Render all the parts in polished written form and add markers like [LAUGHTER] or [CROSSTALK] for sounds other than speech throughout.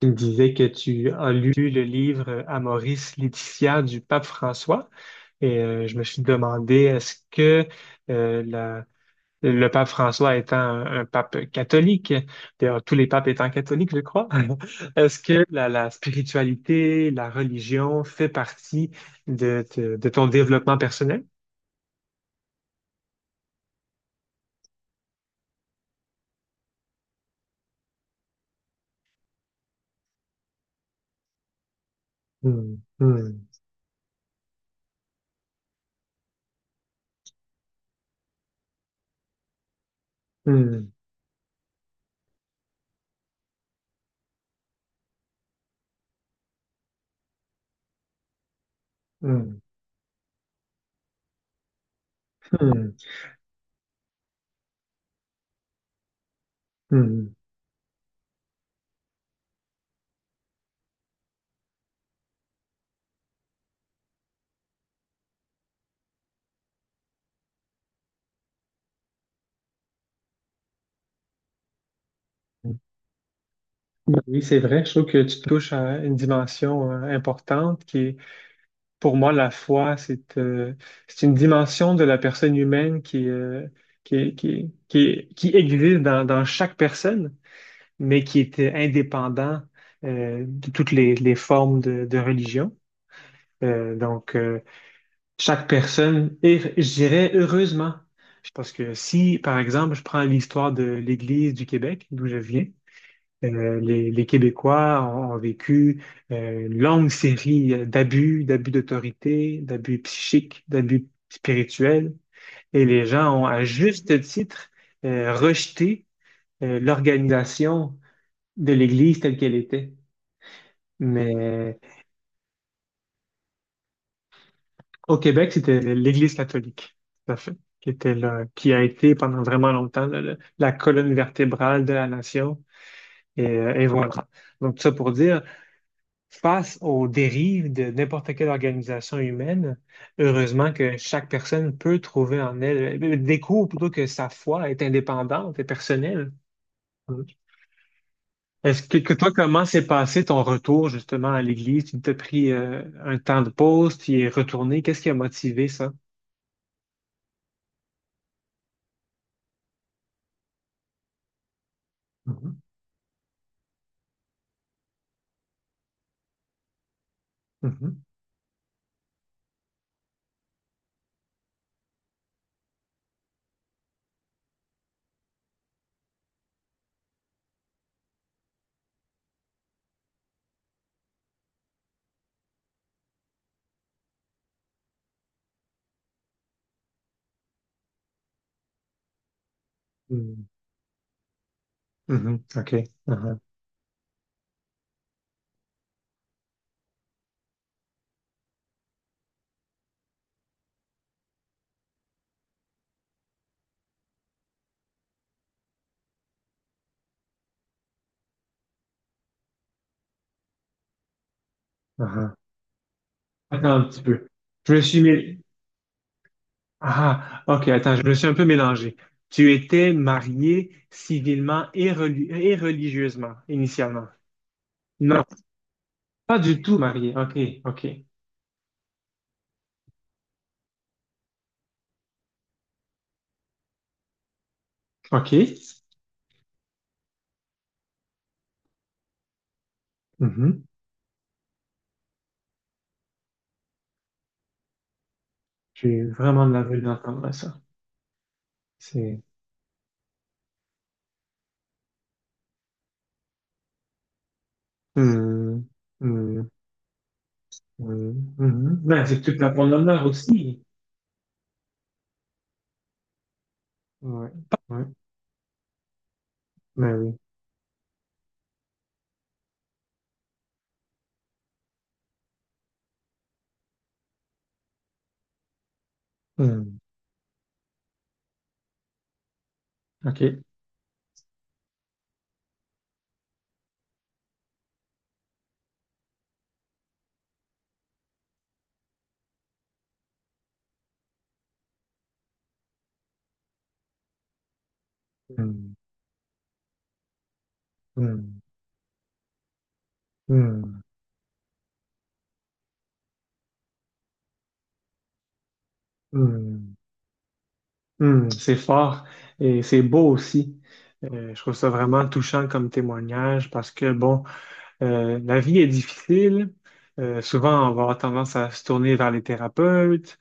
Tu me disais que tu as lu le livre Amoris Laetitia du pape François et je me suis demandé est-ce que euh, la- le pape François étant un pape catholique, d'ailleurs tous les papes étant catholiques, je crois, [LAUGHS] est-ce que la spiritualité, la religion fait partie de ton développement personnel? Hmm, hmm, hmm, hmm, hmm, hmm. Oui, c'est vrai. Je trouve que tu touches à une dimension importante qui est... Pour moi, la foi, c'est une dimension de la personne humaine qui existe dans chaque personne, mais qui est indépendant de toutes les formes de religion. Euh, donc, euh, chaque personne est, je dirais, heureusement, parce que si, par exemple, je prends l'histoire de l'Église du Québec, d'où je viens, les Québécois ont vécu une longue série d'abus, d'abus d'autorité, d'abus psychiques, d'abus spirituels, et les gens ont à juste titre rejeté l'organisation de l'Église telle qu'elle était. Mais au Québec, c'était l'Église catholique, tout à fait, qui était là, qui a été pendant vraiment longtemps là, la colonne vertébrale de la nation. Et voilà. Donc, ça pour dire. Face aux dérives de n'importe quelle organisation humaine, heureusement que chaque personne peut trouver en elle, découvre plutôt que sa foi est indépendante et personnelle. Mm. Est-ce que toi, comment s'est passé ton retour justement à l'église? Tu t'es pris un temps de pause, tu y es retourné. Qu'est-ce qui a motivé ça? Mhm, mhm, mhm, mhm, OK. Aha, aha. Attends un petit peu. Je me suis mis... Ah, ok, attends, je me suis un peu mélangé. Tu étais marié civilement et, et religieusement, initialement. Non, pas du tout marié. OK, OK, OK. Mhm. J'ai vraiment de la veine d'entendre ça. C'est... Hmm, hmm, hmm, mhm. Ben, c'est toute la promenade aussi. Ouais, ouais, ben oui. Hmm, OK. Hmm, hmm, hmm, hmm, hmm. Hmm, c'est fort et c'est beau aussi. Je trouve ça vraiment touchant comme témoignage parce que, bon, la vie est difficile. Souvent, on va avoir tendance à se tourner vers les thérapeutes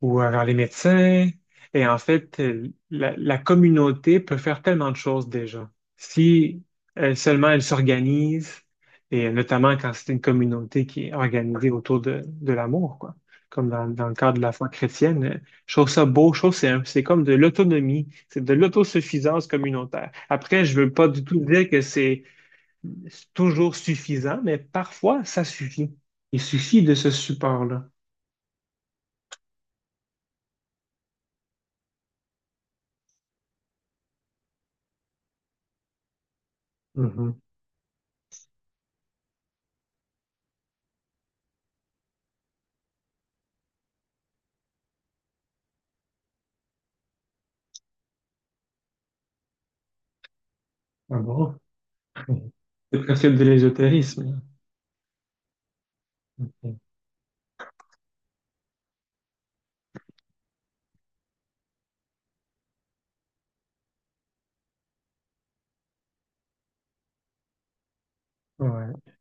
ou vers les médecins. Et en fait, la communauté peut faire tellement de choses déjà. Si seulement elle s'organise, et notamment quand c'est une communauté qui est organisée autour de l'amour, quoi. Comme dans le cadre de la foi chrétienne, je trouve ça beau, je trouve que c'est comme de l'autonomie, c'est de l'autosuffisance communautaire. Après, je veux pas du tout dire que c'est toujours suffisant, mais parfois ça suffit. Il suffit de ce support-là. Mhm. Ah bon? Mhm. C'est presque de l'ésotérisme. Mhm. Ouais,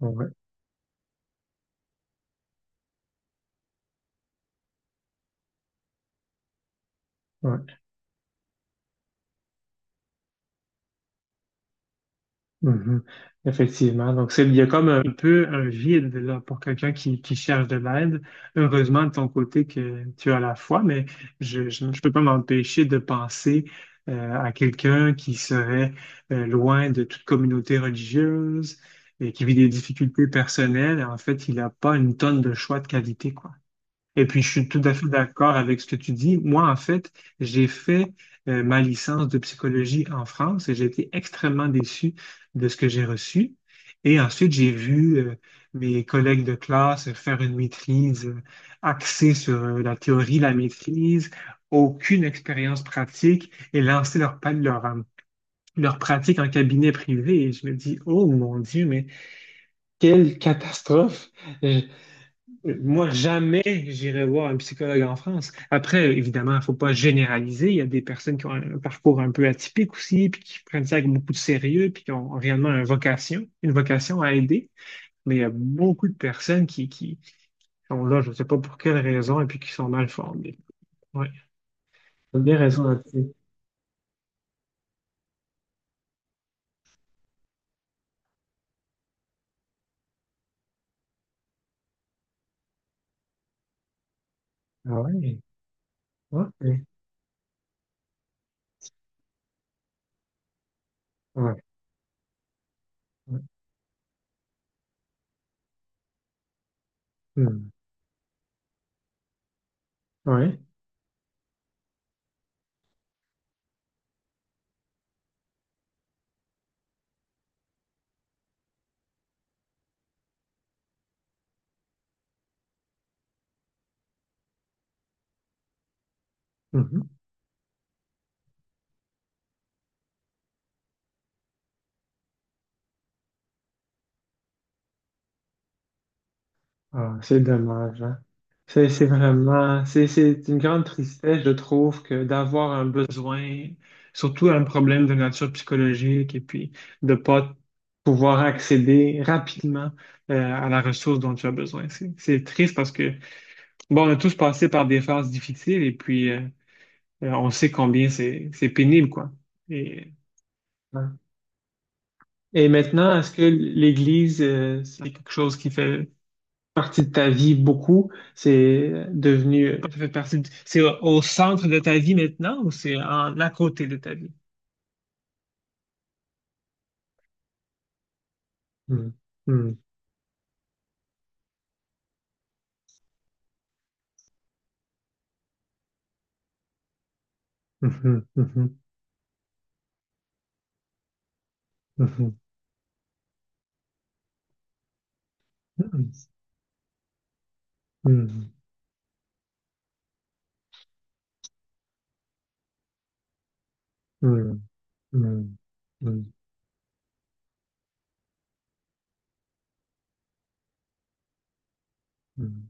ouais, ouais. Mhm. Effectivement. Donc, c'est, il y a comme un peu un vide là, pour quelqu'un qui cherche de l'aide. Heureusement, de ton côté, que tu as la foi, mais je peux pas m'empêcher de penser à quelqu'un qui serait loin de toute communauté religieuse et qui vit des difficultés personnelles. En fait, il n'a pas une tonne de choix de qualité, quoi. Et puis, je suis tout à fait d'accord avec ce que tu dis. Moi, en fait, j'ai fait ma licence de psychologie en France et j'ai été extrêmement déçu de ce que j'ai reçu. Et ensuite, j'ai vu mes collègues de classe faire une maîtrise axée sur la théorie, la maîtrise, aucune expérience pratique et lancer leur pratique en cabinet privé. Et je me dis, oh mon Dieu, mais quelle catastrophe! Moi, jamais j'irai voir un psychologue en France. Après, évidemment, il faut pas généraliser. Il y a des personnes qui ont un parcours un peu atypique aussi, puis qui prennent ça avec beaucoup de sérieux, puis qui ont réellement une vocation à aider. Mais il y a beaucoup de personnes qui sont là, je ne sais pas pour quelle raison, et puis qui sont mal formées. Oui, tu as bien raison là-dessus. Ah ouais, ok, ouais, ouais, ouais. Hmm. Ouais. Mhm. Ah, c'est dommage, hein. C'est vraiment, c'est une grande tristesse, je trouve, que d'avoir un besoin, surtout un problème de nature psychologique, et puis de pas pouvoir accéder rapidement à la ressource dont tu as besoin. C'est triste parce que, bon, on a tous passé par des phases difficiles, et puis on sait combien c'est pénible, quoi. Et, ouais. Et maintenant, est-ce que l'Église, c'est quelque chose qui fait partie de ta vie beaucoup. C'est devenu, ça fait partie de- c'est au au centre de ta vie maintenant ou c'est en à côté de ta vie? Mhm. Mhm. Mhm. Mhm. Mhm. Mhm. Mhm. Mhm. Mhm. Mhm.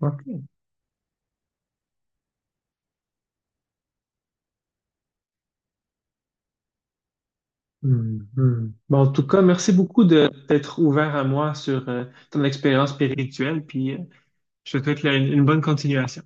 OK. Mhm. Mhm. Bon, en tout cas, merci beaucoup de t'être ouvert à moi sur ton expérience spirituelle, puis je te souhaite là, une bonne continuation.